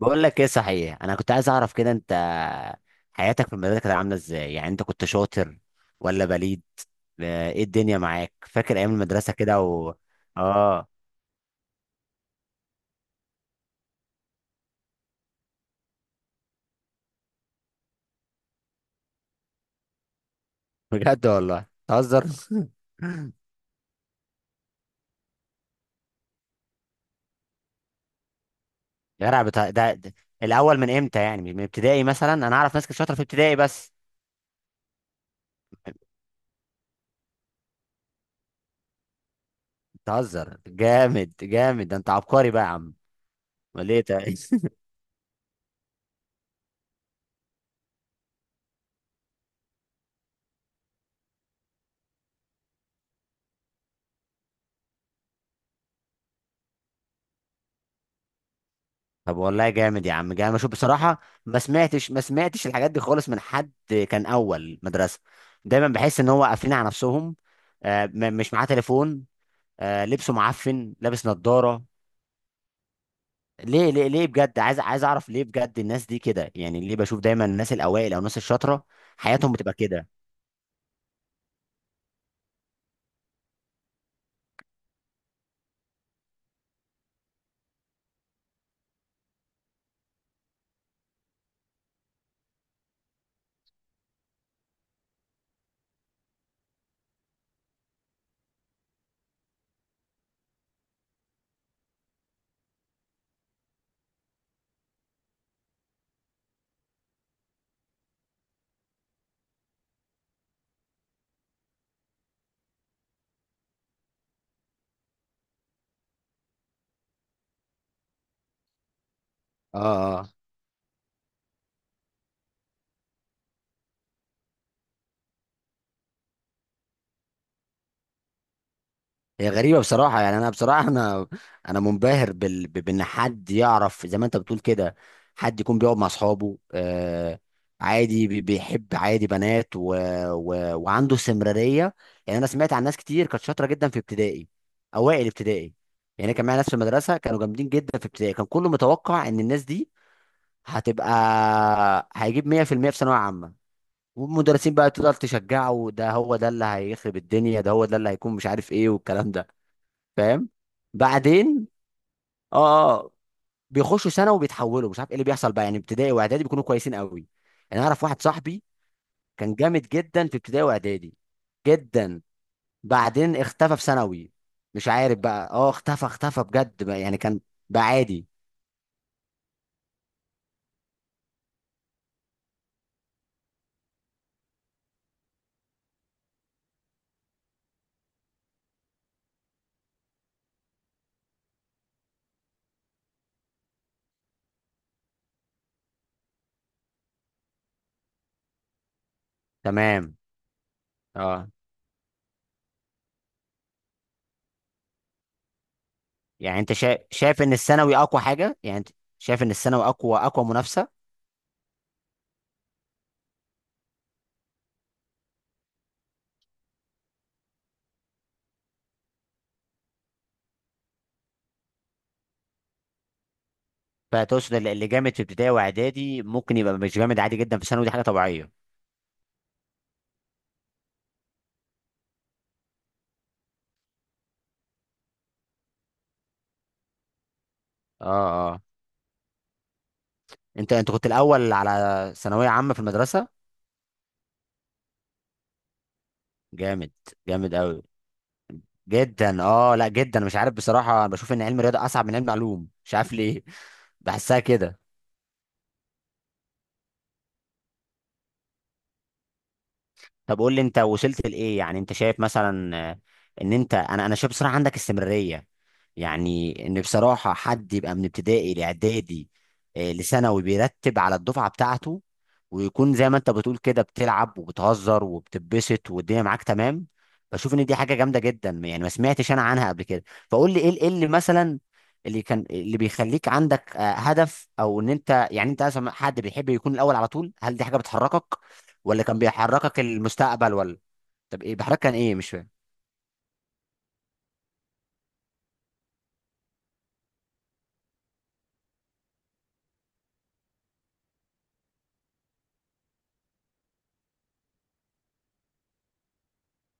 بقول لك ايه؟ صحيح انا كنت عايز اعرف كده انت حياتك في المدرسه كانت عامله ازاي؟ يعني انت كنت شاطر ولا بليد؟ ايه الدنيا معاك؟ فاكر ايام المدرسه كده و اه بجد والله تهزر. يا رب، ده الاول من امتى؟ يعني من ابتدائي مثلا، انا اعرف ناس كانت شاطره في ابتدائي بس. تهزر جامد جامد، ده انت عبقري بقى يا عم. امال ايه ده؟ طب والله جامد يا عم، جامد، شوف بصراحة. ما سمعتش الحاجات دي خالص من حد. كان أول مدرسة، دايما بحس إن هو قافلين على نفسهم. مش معاه تليفون. لبسه معفن، لابس نظارة. ليه بجد؟ عايز أعرف ليه بجد الناس دي كده، يعني ليه بشوف دايما الناس الأوائل أو الناس الشاطرة حياتهم بتبقى كده؟ اه. هي غريبة بصراحة، يعني أنا بصراحة أنا منبهر بإن حد يعرف زي ما أنت بتقول كده. حد يكون بيقعد مع أصحابه، عادي بيحب عادي بنات وعنده استمرارية. يعني أنا سمعت عن ناس كتير كانت شاطرة جدا في ابتدائي، أوائل ابتدائي. يعني كان معايا ناس في المدرسة كانوا جامدين جدا في ابتدائي، كان كله متوقع إن الناس دي هتبقى، هيجيب 100% في المية في ثانوية عامة. والمدرسين بقى تفضل تشجعه: ده هو ده اللي هيخرب الدنيا، ده هو ده اللي هيكون مش عارف إيه، والكلام ده. فاهم؟ بعدين، اه اه، بيخشوا سنه وبيتحولوا، مش عارف ايه اللي بيحصل بقى، يعني ابتدائي واعدادي بيكونوا كويسين قوي. يعني اعرف واحد صاحبي، كان جامد جدا في ابتدائي واعدادي، جدا. بعدين اختفى في ثانوي. مش عارف بقى، اختفى اختفى بجد بقى، يعني كان، بقى عادي. تمام. اه، يعني انت شايف ان الثانوي اقوى حاجه؟ يعني انت شايف ان الثانوي اقوى منافسه. فتقصد اللي جامد في ابتدائي واعدادي ممكن يبقى مش جامد، عادي جدا في ثانوي، دي حاجه طبيعيه. اه اه. انت كنت الاول على ثانويه عامه في المدرسه؟ جامد. جامد قوي. جدا، لا جدا، مش عارف بصراحه، انا بشوف ان علم الرياضه اصعب من علم علوم، مش عارف ليه. بحسها كده. طب قول لي انت وصلت لايه؟ يعني انت شايف مثلا، ان انت، انا شايف بصراحه عندك استمراريه. يعني ان بصراحه حد يبقى من ابتدائي لاعدادي، لثانوي، بيرتب على الدفعه بتاعته، ويكون زي ما انت بتقول كده، بتلعب وبتهزر وبتبسط والدنيا معاك تمام. بشوف ان دي حاجه جامده جدا، يعني ما سمعتش انا عنها قبل كده. فقول لي ايه ايه اللي مثلا اللي بيخليك عندك هدف؟ او ان انت، يعني انت اصلا حد بيحب يكون الاول على طول؟ هل دي حاجه بتحركك، ولا كان بيحركك المستقبل، ولا؟ طب ايه بيحركك؟ كان ايه؟ مش فاهم.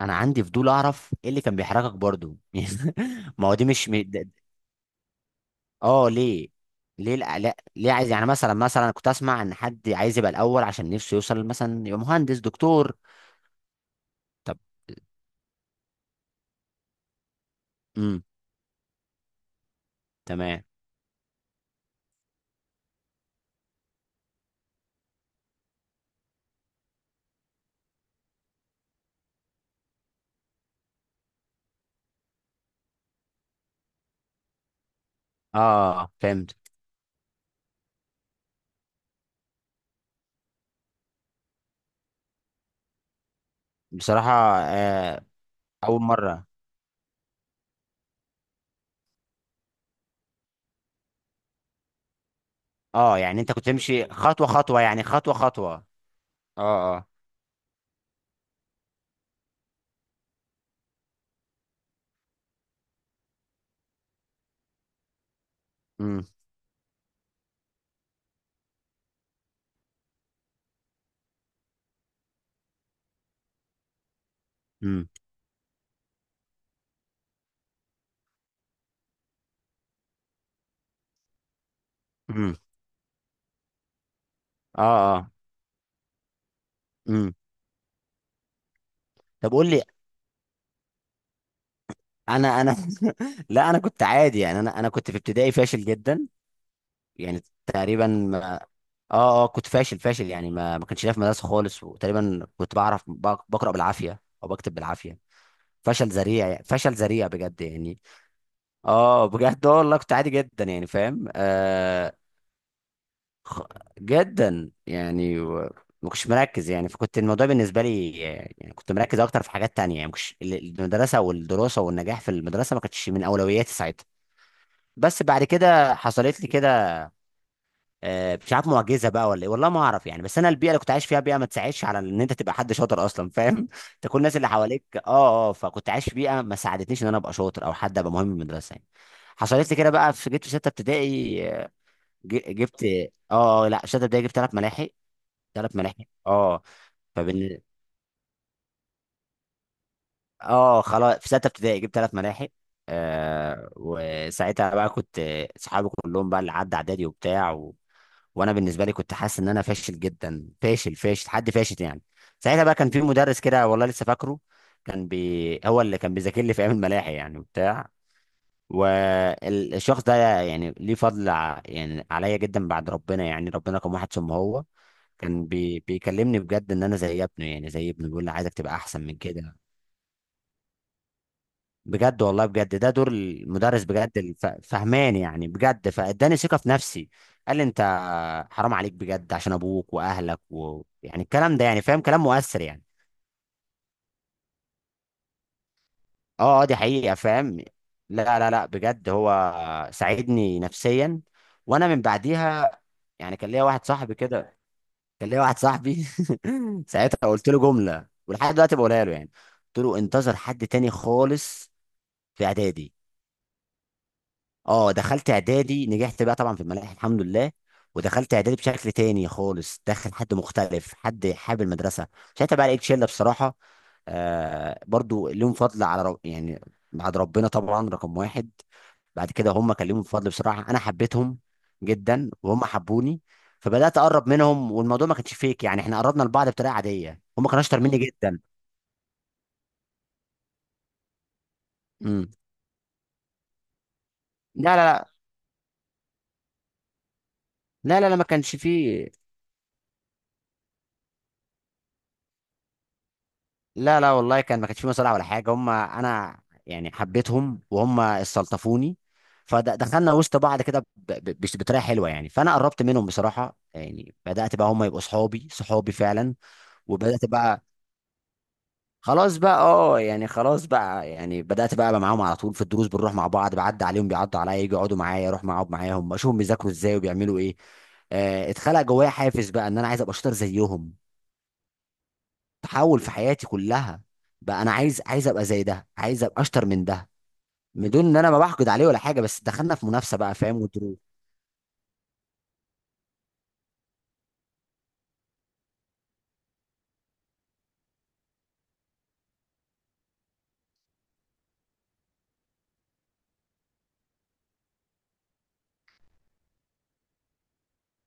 انا عندي فضول اعرف ايه اللي كان بيحركك برضو. يعني ما هو دي مش ده، اه ليه. ليه؟ لا، لا، ليه عايز؟ يعني مثلا أنا كنت اسمع ان حد عايز يبقى الاول عشان نفسه يوصل مثلا يبقى مهندس دكتور. طب. امم. تمام. اه فهمت. بصراحة. آه. اول مرة. اه، يعني انت كنت تمشي خطوة خطوة، يعني خطوة خطوة. اه اه. امم. امم. امم. اه اه. امم. طب قول لي. انا لا، انا كنت عادي يعني، انا كنت في ابتدائي فاشل جدا. يعني تقريبا ما... اه اه كنت فاشل فاشل، يعني ما كنتش ليا في مدرسه خالص، وتقريبا كنت بعرف بقرا بالعافيه او بكتب بالعافيه. فشل ذريع يعني. فشل ذريع بجد يعني. اه بجد، والله كنت عادي جدا يعني، فاهم، خ... جدا يعني ما كنتش مركز يعني، فكنت الموضوع بالنسبه لي يعني كنت مركز اكتر في حاجات تانية، يعني مش المدرسه والدراسه والنجاح في المدرسه ما كانتش من اولوياتي ساعتها. بس بعد كده حصلت لي كده، مش عارف معجزه بقى ولا ايه، والله ما اعرف يعني، بس انا البيئه اللي كنت عايش فيها بيئه ما تساعدش على ان انت تبقى حد شاطر اصلا، فاهم؟ انت كل الناس اللي حواليك اه، فكنت عايش في بيئه ما ساعدتنيش ان انا ابقى شاطر او حد ابقى مهم في المدرسه يعني. حصلت لي كده بقى، في جبت في سته ابتدائي، جبت، اه، لا، سته ابتدائي جبت ثلاث ملاحق. ثلاث ملاحق. اه فبن. اه خلاص، في ستة ابتدائي جبت ثلاث ملاحق. آه، وساعتها بقى كنت، صحابي كلهم بقى اللي عدى اعدادي وبتاع وانا بالنسبه لي كنت حاسس ان انا فاشل جدا، فاشل فاشل، حد فاشل يعني. ساعتها بقى كان في مدرس كده، والله لسه فاكره، كان هو اللي كان بيذاكر لي في ايام الملاحق يعني وبتاع، والشخص ده يعني ليه فضل يعني عليا جدا، بعد ربنا يعني، ربنا كان واحد ثم هو. كان بيكلمني بجد ان انا زي ابنه، يعني زي ابنه، بيقول لي عايزك تبقى احسن من كده. بجد والله، بجد ده دور المدرس بجد فهمان يعني، بجد فاداني ثقه في نفسي. قال لي: انت حرام عليك بجد، عشان ابوك واهلك، ويعني الكلام ده يعني، فاهم؟ كلام مؤثر يعني. اه اه، دي حقيقه، فاهم. لا لا لا بجد هو ساعدني نفسيا. وانا من بعديها، يعني كان ليا واحد صاحبي كده، كان ليا واحد صاحبي، ساعتها قلت له جمله ولحد دلوقتي بقولها له يعني. قلت له: انتظر حد تاني خالص في اعدادي. اه، دخلت اعدادي نجحت بقى طبعا في الملاحه، الحمد لله. ودخلت اعدادي بشكل تاني خالص، دخل حد مختلف، حد حابب المدرسه. ساعتها بقى لقيت شله بصراحه، برضو ليهم فضل على رب يعني، بعد ربنا طبعا رقم واحد. بعد كده هم كان ليهم فضل بصراحه، انا حبيتهم جدا وهم حبوني. فبدات اقرب منهم، والموضوع ما كانش فيك يعني، احنا قربنا لبعض بطريقه عاديه، هم كانوا اشطر مني جدا. امم. لا لا لا لا لا لا، ما كانش فيه. لا لا والله، كان ما كانش في مصالح ولا حاجه، هم انا يعني حبيتهم وهم استلطفوني. فدخلنا وسط بعض كده، بطريقه حلوه يعني، فانا قربت منهم بصراحه يعني، بدات بقى هم يبقوا صحابي، صحابي فعلا. وبدات بقى، خلاص بقى، يعني خلاص بقى، يعني بدات بقى ابقى معاهم على طول في الدروس، بنروح مع بعض، بعدي عليهم، بيعدوا عليا، يجوا يقعدوا معايا، اروح معاهم اشوفهم بيذاكروا ازاي وبيعملوا ايه. اتخلق جوايا حافز بقى ان انا عايز ابقى شاطر زيهم. تحول في حياتي كلها. بقى انا عايز ابقى زي ده، عايز ابقى اشطر من ده. بدون ان انا ما بحقد عليه ولا حاجه، بس دخلنا في منافسه بقى فاهم، وظروف.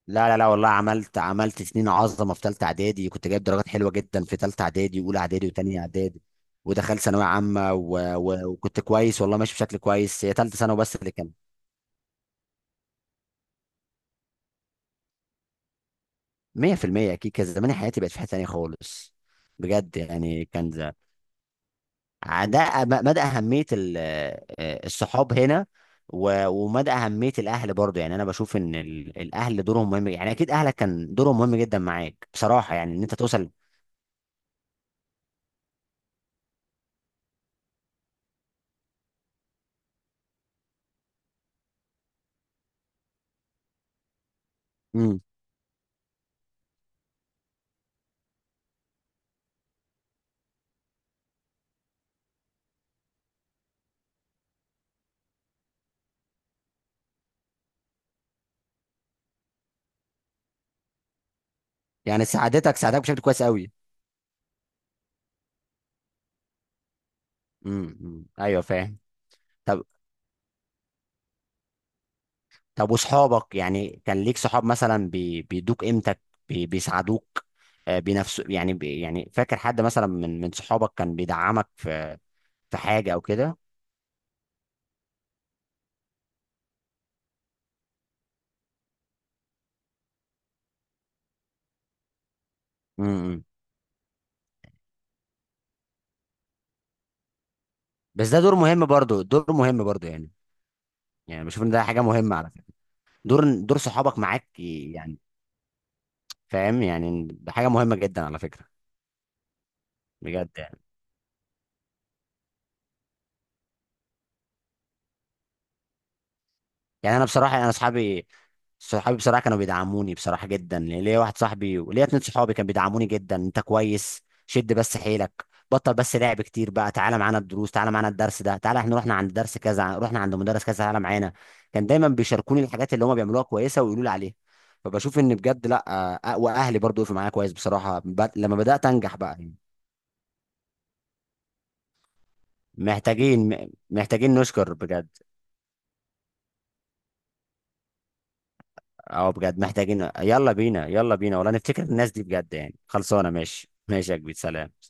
لا لا لا والله، عملت سنين عظمه في ثالثه اعدادي، كنت جايب درجات حلوه جدا في ثالثه اعدادي واولى اعدادي وثانيه اعدادي. ودخلت ثانويه عامه وكنت كويس والله، ماشي بشكل كويس، هي ثالثه ثانوي بس اللي كان. 100% اكيد، كان زمان حياتي بقت في حته ثانيه خالص. بجد يعني كان، ده مدى اهميه الصحاب هنا، ومدى اهميه الاهل برضه. يعني انا بشوف ان الاهل دورهم مهم يعني، اكيد اهلك كان دورهم مهم جدا معاك بصراحه يعني ان انت توصل. امم. يعني ساعدتك بشكل كويس قوي. ايوه فاهم. طب. واصحابك يعني، كان ليك صحاب مثلا بيدوك قيمتك، بيساعدوك؟ بنفسه يعني، يعني فاكر حد مثلا من صحابك كان بيدعمك في في حاجه او كده؟ امم. بس ده دور مهم برضه، دور مهم برضه يعني، يعني بشوف ان ده حاجه مهمه على فكره، دور صحابك معاك يعني، فاهم يعني، ده حاجه مهمه جدا على فكره، بجد يعني. يعني انا بصراحه، يعني انا اصحابي، صحابي بصراحه كانوا بيدعموني بصراحه جدا يعني، ليا واحد صاحبي وليا اتنين صحابي كانوا بيدعموني جدا: انت كويس، شد بس حيلك، بطل بس لعب كتير بقى، تعالى معانا الدروس، تعالى معانا الدرس ده، تعالى، احنا رحنا عند درس كذا، رحنا عند مدرس كذا، تعالى معانا. كان دايما بيشاركوني الحاجات اللي هم بيعملوها كويسه ويقولوا لي عليها. فبشوف ان بجد لا، واهلي برضو وقفوا معايا كويس بصراحه لما بدات انجح بقى يعني. محتاجين نشكر بجد. اه بجد محتاجين، يلا بينا، يلا بينا والله، نفتكر الناس دي بجد يعني. خلصانه. ماشي، ماشي يا كبير، سلام.